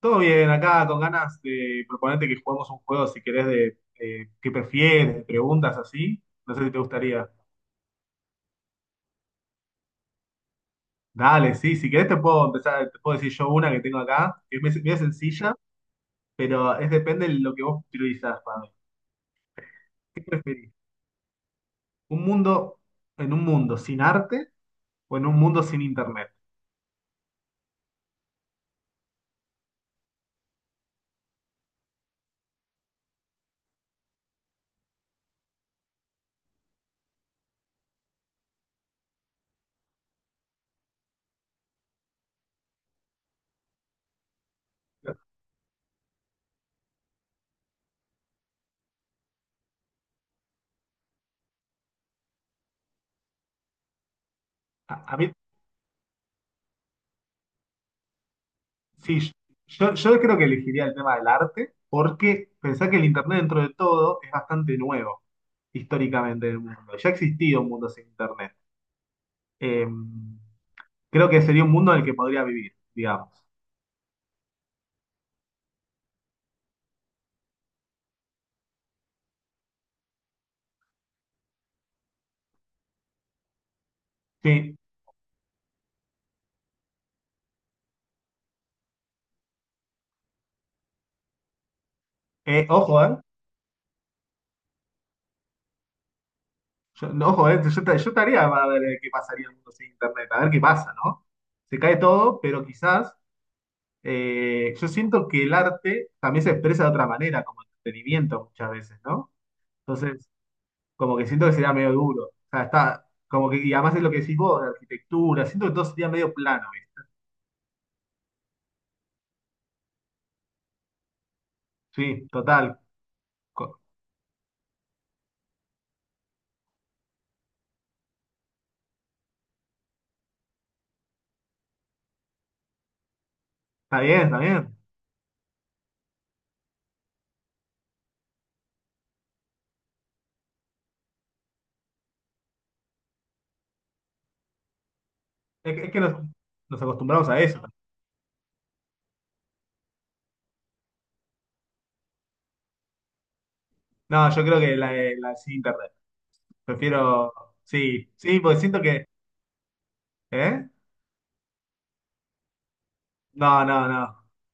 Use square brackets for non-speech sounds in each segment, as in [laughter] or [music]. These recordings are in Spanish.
Todo bien, acá con ganas de proponerte que juguemos un juego, si querés, de qué prefieres, de preguntas así. No sé si te gustaría. Dale, sí, si querés te puedo empezar, te puedo decir yo una que tengo acá, que es medio medio sencilla, pero es depende de lo que vos priorizás, Pablo. ¿Qué preferís? ¿Un mundo, ¿En un mundo sin arte o en un mundo sin internet? A mí, sí, yo creo que elegiría el tema del arte, porque pensá que el internet dentro de todo es bastante nuevo, históricamente en el mundo. Ya ha existido un mundo sin internet. Eh, Creo que sería un mundo en el que podría vivir, digamos. Sí. Ojo, ¿eh? Yo, no, ojo, ¿eh? Yo, yo estaría para ver qué pasaría en el mundo sin internet, a ver qué pasa, ¿no? Se cae todo, pero quizás yo siento que el arte también se expresa de otra manera, como entretenimiento muchas veces, ¿no? Entonces, como que siento que sería medio duro. O sea, está, como que, y además es lo que decís vos, de arquitectura, siento que todo sería medio plano, ¿viste? Sí, total. Co- Está bien, está bien. Es que, nos acostumbramos a eso. No, yo creo que la de sin internet. Prefiero, sí, sí, porque siento que, ¿eh? No, no, no.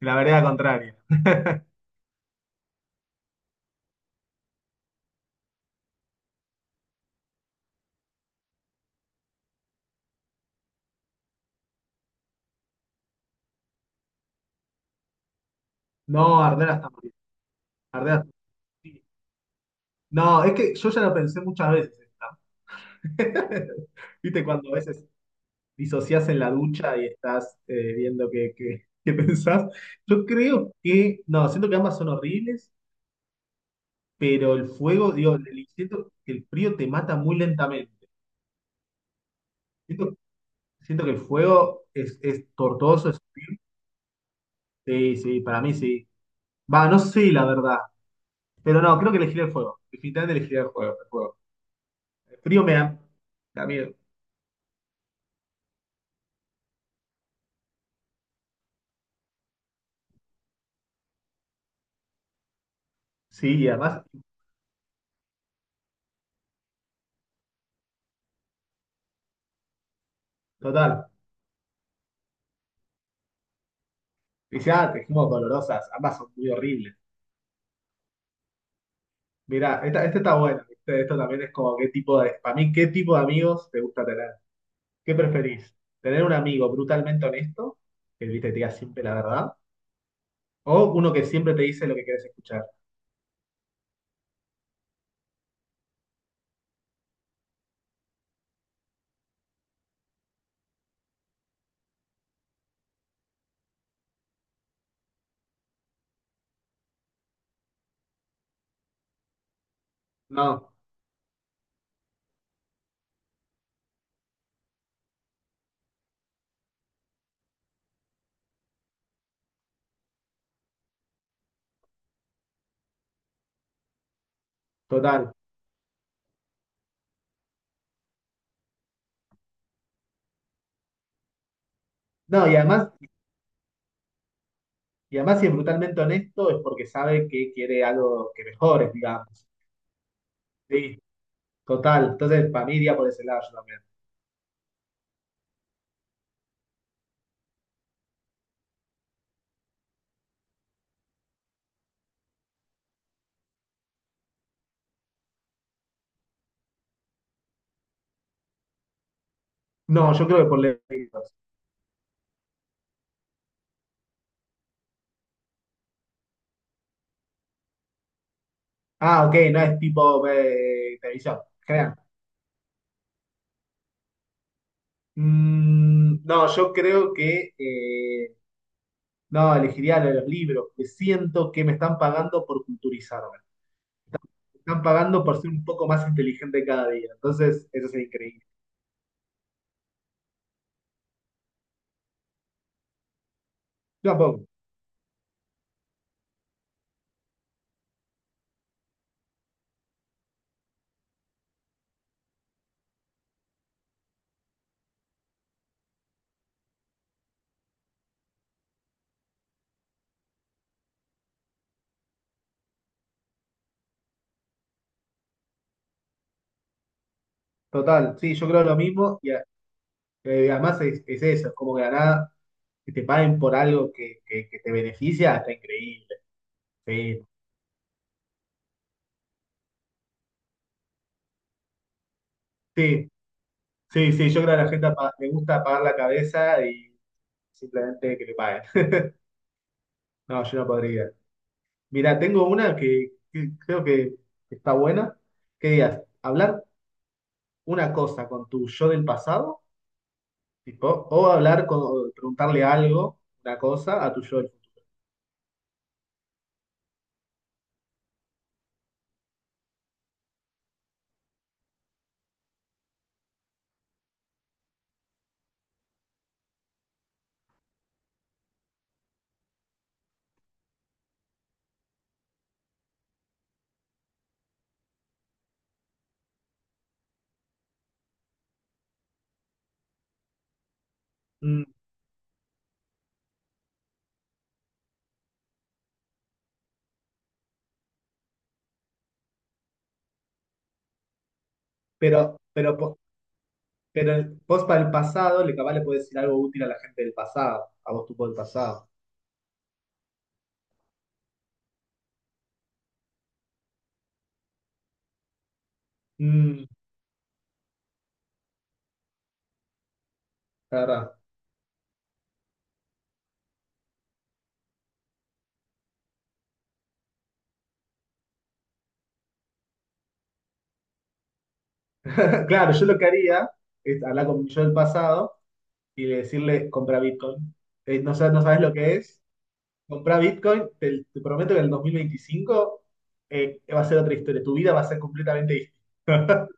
La vereda contraria. No, arder hasta morir. Arder hasta morir. No, es que yo ya lo pensé muchas veces, esta. [laughs] ¿Viste cuando a veces disociás en la ducha y estás viendo qué pensás? Yo creo que, no, siento que ambas son horribles, pero el fuego, digo, siento que el frío te mata muy lentamente. Siento, Siento que el fuego es tortuoso, es horrible. Sí, sí, para mí sí. Va, no sé la verdad. Pero no, creo que elegiré el fuego. Definitivamente elegiré el fuego. El fuego. El frío me da. También. Sí, y además, total. Dice, ah, te dijimos dolorosas. Ambas son muy horribles. Mirá, esta está buena. ¿Viste? Esto también es como qué tipo de. Para mí, ¿qué tipo de amigos te gusta tener? ¿Qué preferís? ¿Tener un amigo brutalmente honesto? Que viste, te diga siempre la verdad. ¿O uno que siempre te dice lo que quieres escuchar? No, total. No, y además, y además, si es brutalmente honesto, es porque sabe que quiere algo que mejore, digamos. Sí, total. Entonces, para mí iría por ese lado yo también. No, yo creo que por lejos. Ah, ok, no es tipo televisión. Crean. No, yo creo que no, elegiría lo de los libros, que siento que me están pagando por culturizarme. Me están pagando por ser un poco más inteligente cada día. Entonces, eso es increíble. Yo tampoco. Total, sí, yo creo lo mismo. Y, además, es eso, es como que de la nada que te paguen por algo que te beneficia, está increíble. Sí, sí, sí, sí, yo creo que a la gente le gusta apagar la cabeza y simplemente que le paguen. [laughs] No, yo no podría. Mira, tengo una que creo que está buena. ¿Qué digas? Hablar una cosa con tu yo del pasado, tipo, o hablar con, o preguntarle algo, una cosa, a tu yo del futuro. Mm, pero, pero, po- pero vos para el pasado, le capaz le podés decir algo útil a la gente del pasado, a vos tú por el pasado. Mm, la verdad. Claro, yo lo que haría es hablar con mi yo del pasado y decirle, compra Bitcoin. No, no sabes lo que es. Compra Bitcoin, te prometo que en el 2025 va a ser otra historia. Tu vida va a ser completamente distinta.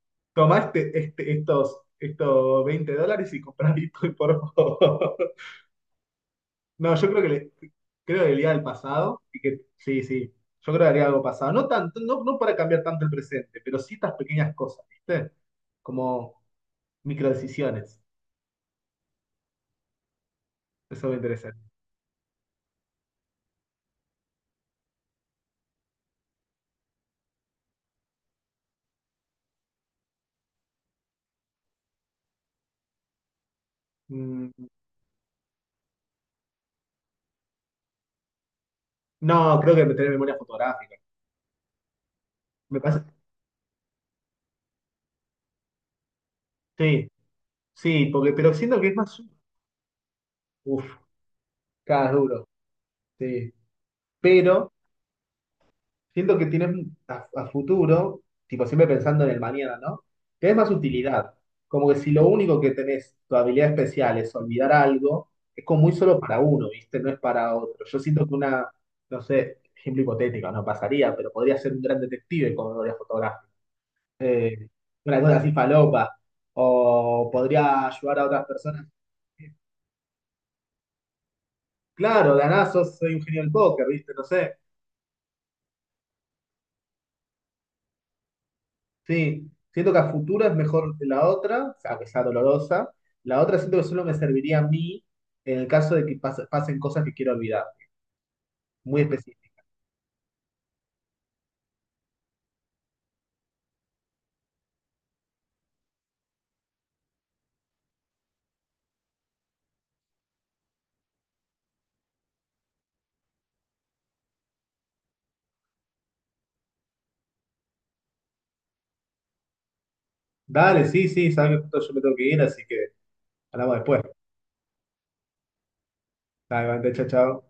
[laughs] Tomá estos 20 dólares y comprá [laughs] Bitcoin, por favor. [laughs] No, yo creo que le, creo que iría al pasado y que sí, sí. Yo creo que haría algo pasado. No tanto, no, no para cambiar tanto el presente, pero sí estas pequeñas cosas, ¿viste? Como microdecisiones. Eso me interesa. Mm, no, creo que tener memoria fotográfica. Me pasa. Sí, sí, porque, pero siento que es más. Uf, cada duro. Sí. Pero siento que tienes a futuro, tipo siempre pensando en el mañana, ¿no? Tenés más utilidad. Como que si lo único que tenés, tu habilidad especial, es olvidar algo, es como muy solo para uno, ¿viste? No es para otro. Yo siento que una, no sé, ejemplo hipotético, no pasaría, pero podría ser un gran detective con memoria fotográfica eh, una cosa así falopa, o podría ayudar a otras personas. Claro, de la nada soy un genio del póker, ¿viste? No sé. Sí, siento que a futuro es mejor que la otra, o sea, que sea dolorosa. La otra siento que solo me serviría a mí en el caso de que pasen cosas que quiero olvidar, muy específicas. Dale, sí, sí, sabes que justo yo me tengo que ir, así que hablamos después. Dale, Vante, chao, chao.